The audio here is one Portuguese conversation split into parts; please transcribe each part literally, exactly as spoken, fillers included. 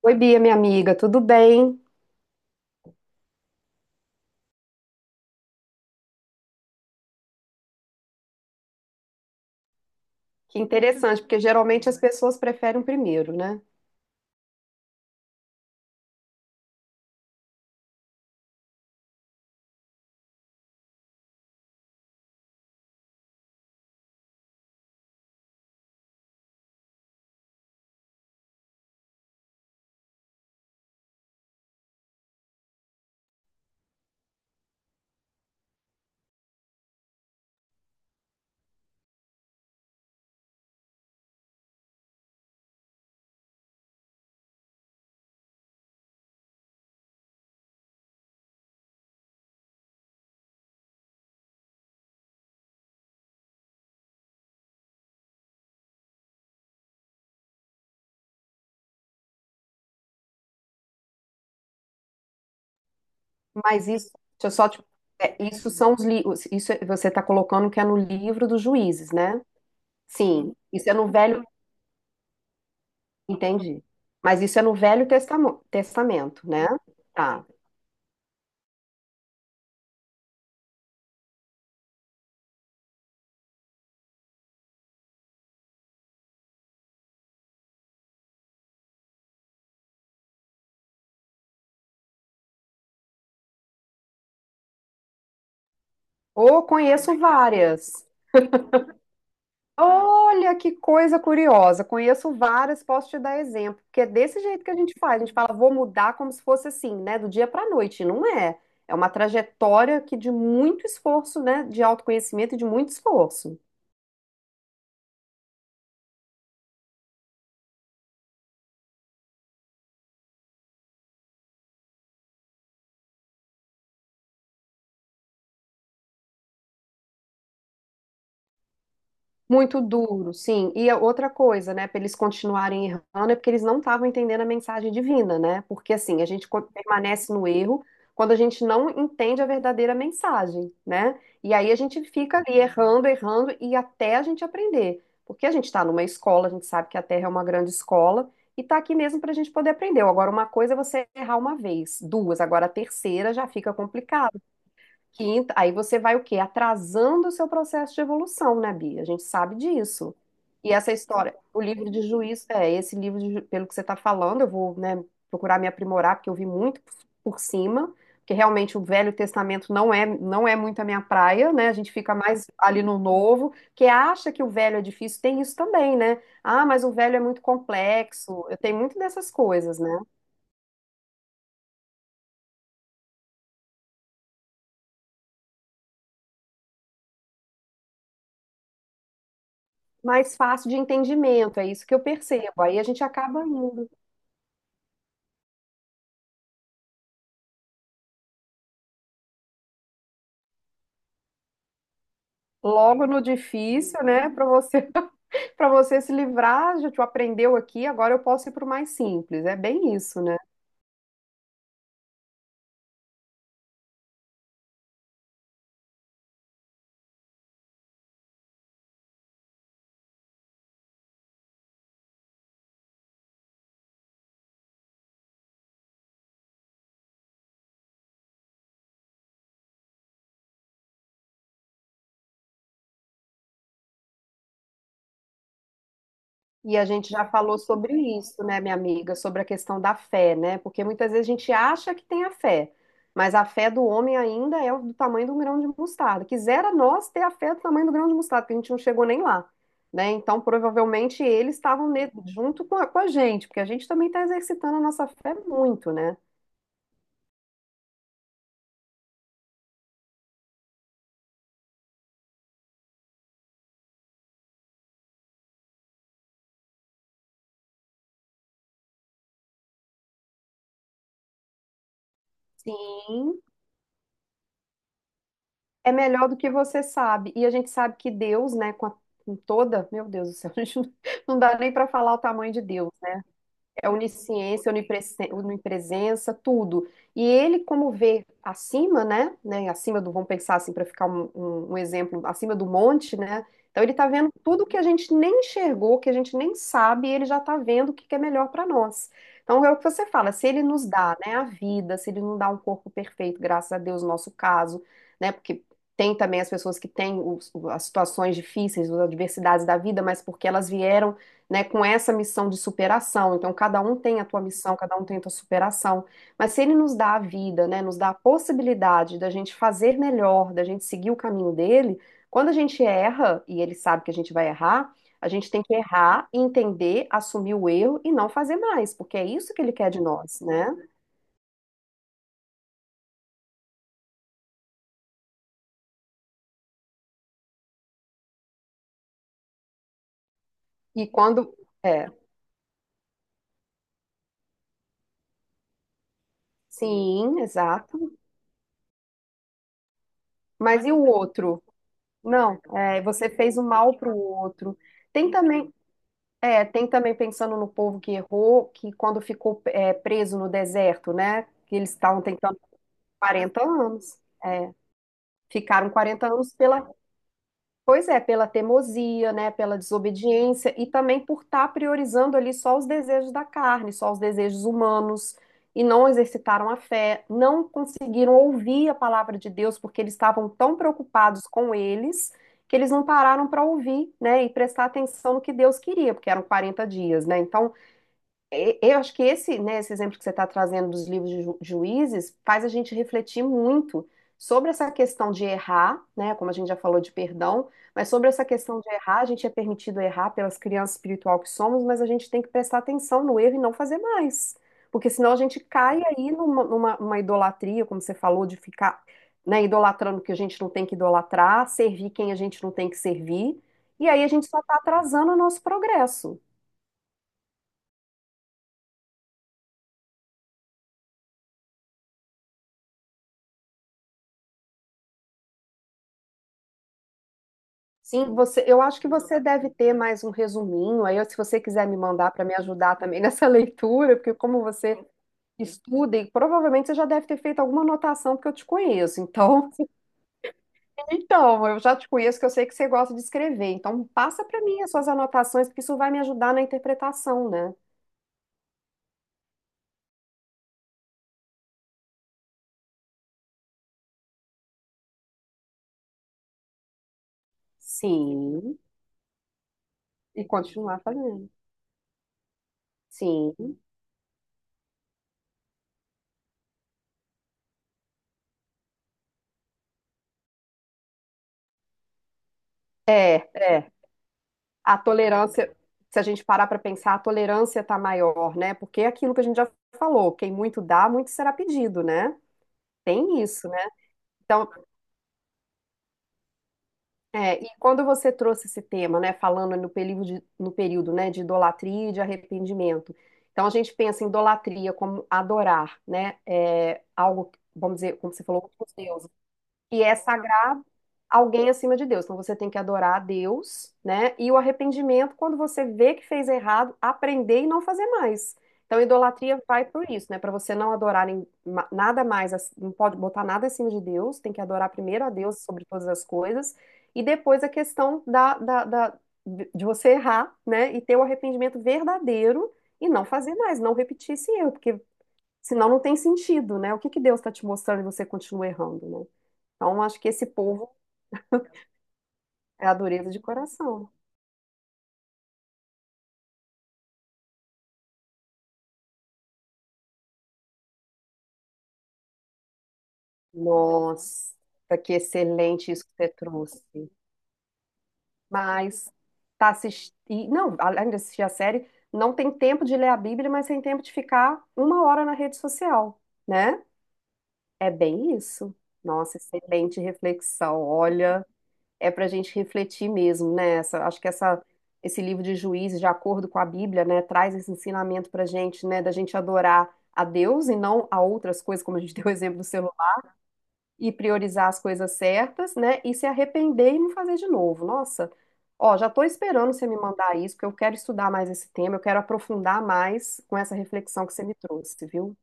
Oi, Bia, minha amiga, tudo bem? Que interessante, porque geralmente as pessoas preferem o primeiro, né? Mas isso, deixa eu só te- é, isso são os livros, isso é- você está colocando que é no livro dos juízes, né? Sim, isso é no Velho, entendi. Mas isso é no Velho Testamo- Testamento, né? Tá. Ou conheço várias. Olha que coisa curiosa. Conheço várias, posso te dar exemplo, porque é desse jeito que a gente faz. A gente fala, vou mudar como se fosse assim, né, do dia para a noite. E não é. É uma trajetória que de muito esforço, né, de autoconhecimento e de muito esforço. Muito duro, sim. E a outra coisa, né, para eles continuarem errando é porque eles não estavam entendendo a mensagem divina, né? Porque assim, a gente co- permanece no erro quando a gente não entende a verdadeira mensagem, né? E aí a gente fica ali errando, errando e até a gente aprender. Porque a gente está numa escola, a gente sabe que a Terra é uma grande escola e tá aqui mesmo para a gente poder aprender. Agora, uma coisa é você errar uma vez, duas, agora a terceira já fica complicado. Quinta, aí você vai o quê? Atrasando o seu processo de evolução, né, Bia? A gente sabe disso. E essa história, o livro de juízo, é, esse livro, de ju- pelo que você está falando, eu vou, né, procurar me aprimorar, porque eu vi muito por por cima, porque realmente o Velho Testamento não é, não é muito a minha praia, né? A gente fica mais ali no Novo, que acha que o Velho é difícil, tem isso também, né? Ah, mas o Velho é muito complexo, eu tenho muito dessas coisas, né? Mais fácil de entendimento, é isso que eu percebo. Aí a gente acaba indo. Logo no difícil, né? Para você, para você se livrar, já te aprendeu aqui, agora eu posso ir para o mais simples. É bem isso, né? E a gente já falou sobre isso, né, minha amiga, sobre a questão da fé, né? Porque muitas vezes a gente acha que tem a fé, mas a fé do homem ainda é do tamanho de um grão de mostarda. Quisera nós ter a fé do tamanho do grão de mostarda, porque a gente não chegou nem lá, né? Então, provavelmente eles estavam ne- junto com a, com a gente, porque a gente também está exercitando a nossa fé muito, né? Sim. É melhor do que você sabe. E a gente sabe que Deus, né, com, a- com toda, meu Deus do céu, a gente não, não dá nem para falar o tamanho de Deus. É onisciência, onipresen- onipresença, tudo. E ele, como vê acima, né, né, acima do, vamos pensar assim, para ficar um, um- um exemplo, acima do monte, né, então ele está vendo tudo que a gente nem enxergou, que a gente nem sabe, e ele já está vendo o que que é melhor para nós. Então é o que você fala, se ele nos dá, né, a vida, se ele nos dá um corpo perfeito, graças a Deus, no nosso caso, né, porque tem também as pessoas que têm os- as situações difíceis, as adversidades da vida, mas porque elas vieram, né, com essa missão de superação. Então, cada um tem a tua missão, cada um tem a tua superação. Mas se ele nos dá a vida, né, nos dá a possibilidade da gente fazer melhor, da gente seguir o caminho dele, quando a gente erra, e ele sabe que a gente vai errar, a gente tem que errar, entender, assumir o erro e não fazer mais, porque é isso que ele quer de nós, né? E quando. É, sim, exato. Mas e o outro? Não, é, você fez o mal para o outro. Tem também. É, tem também pensando no povo que errou, que quando ficou, é, preso no deserto, né? Que eles estavam tentando quarenta anos. Ficaram quarenta anos pela, pois é, pela teimosia, né? Pela desobediência e também por estar priorizando ali só os desejos da carne, só os desejos humanos, e não exercitaram a fé, não conseguiram ouvir a palavra de Deus porque eles estavam tão preocupados com eles que eles não pararam para ouvir, né? E prestar atenção no que Deus queria, porque eram quarenta dias, né? Então e- eu acho que esse, né, esse exemplo que você está trazendo dos livros de ju- juízes faz a gente refletir muito sobre essa questão de errar, né, como a gente já falou de perdão, mas sobre essa questão de errar, a gente é permitido errar pelas crianças espiritual que somos, mas a gente tem que prestar atenção no erro e não fazer mais, porque senão a gente cai aí numa, numa- numa idolatria, como você falou, de ficar, né, idolatrando o que a gente não tem que idolatrar, servir quem a gente não tem que servir, e aí a gente só está atrasando o nosso progresso. Sim, você, eu acho que você deve ter mais um resuminho. Aí, se você quiser me mandar para me ajudar também nessa leitura, porque como você estuda, e provavelmente você já deve ter feito alguma anotação, porque eu te conheço. Então, então, eu já te conheço, que eu sei que você gosta de escrever. Então, passa para mim as suas anotações, porque isso vai me ajudar na interpretação, né? Sim. E continuar fazendo. Sim. É, é. A tolerância, se a gente parar para pensar, a tolerância está maior, né? Porque é aquilo que a gente já falou, quem muito dá, muito será pedido, né? Tem isso, né? Então, é, e quando você trouxe esse tema, né, falando no período, de, no período, né, de idolatria e de arrependimento, então a gente pensa em idolatria como adorar, né, é, algo, vamos dizer, como você falou, outros deuses, que é sagrado, alguém acima de Deus. Então você tem que adorar a Deus, né? E o arrependimento, quando você vê que fez errado, aprender e não fazer mais. Então, a idolatria vai por isso, né? Para você não adorar em- ma- nada mais, ac- não pode botar nada acima de Deus, tem que adorar primeiro a Deus sobre todas as coisas, e depois a questão da, da, da- de de você errar, né? E ter o arrependimento verdadeiro e não fazer mais, não repetir esse erro, porque senão não tem sentido, né? O que que Deus está te mostrando e você continua errando, né? Então, acho que esse povo é a dureza de coração. Nossa, que excelente isso que você trouxe. Mas tá assistindo. Não, além de assistir a série, não tem tempo de ler a Bíblia, mas tem tempo de ficar uma hora na rede social, né? É bem isso. Nossa, excelente reflexão. Olha, é para a gente refletir mesmo, né? Essa, acho que essa, esse livro de Juízes, de acordo com a Bíblia, né, traz esse ensinamento para gente, né, da gente adorar a Deus e não a outras coisas, como a gente deu o exemplo do celular e priorizar as coisas certas, né? E se arrepender e não fazer de novo. Nossa, ó, já tô esperando você me mandar isso, porque eu quero estudar mais esse tema, eu quero aprofundar mais com essa reflexão que você me trouxe, viu?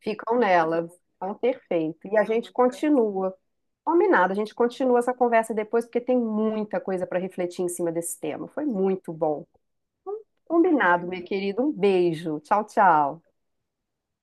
Ficam nela. Então, perfeito. E a gente continua. Combinado, a gente continua essa conversa depois, porque tem muita coisa para refletir em cima desse tema. Foi muito bom. Combinado, meu querido. Um beijo. Tchau, tchau.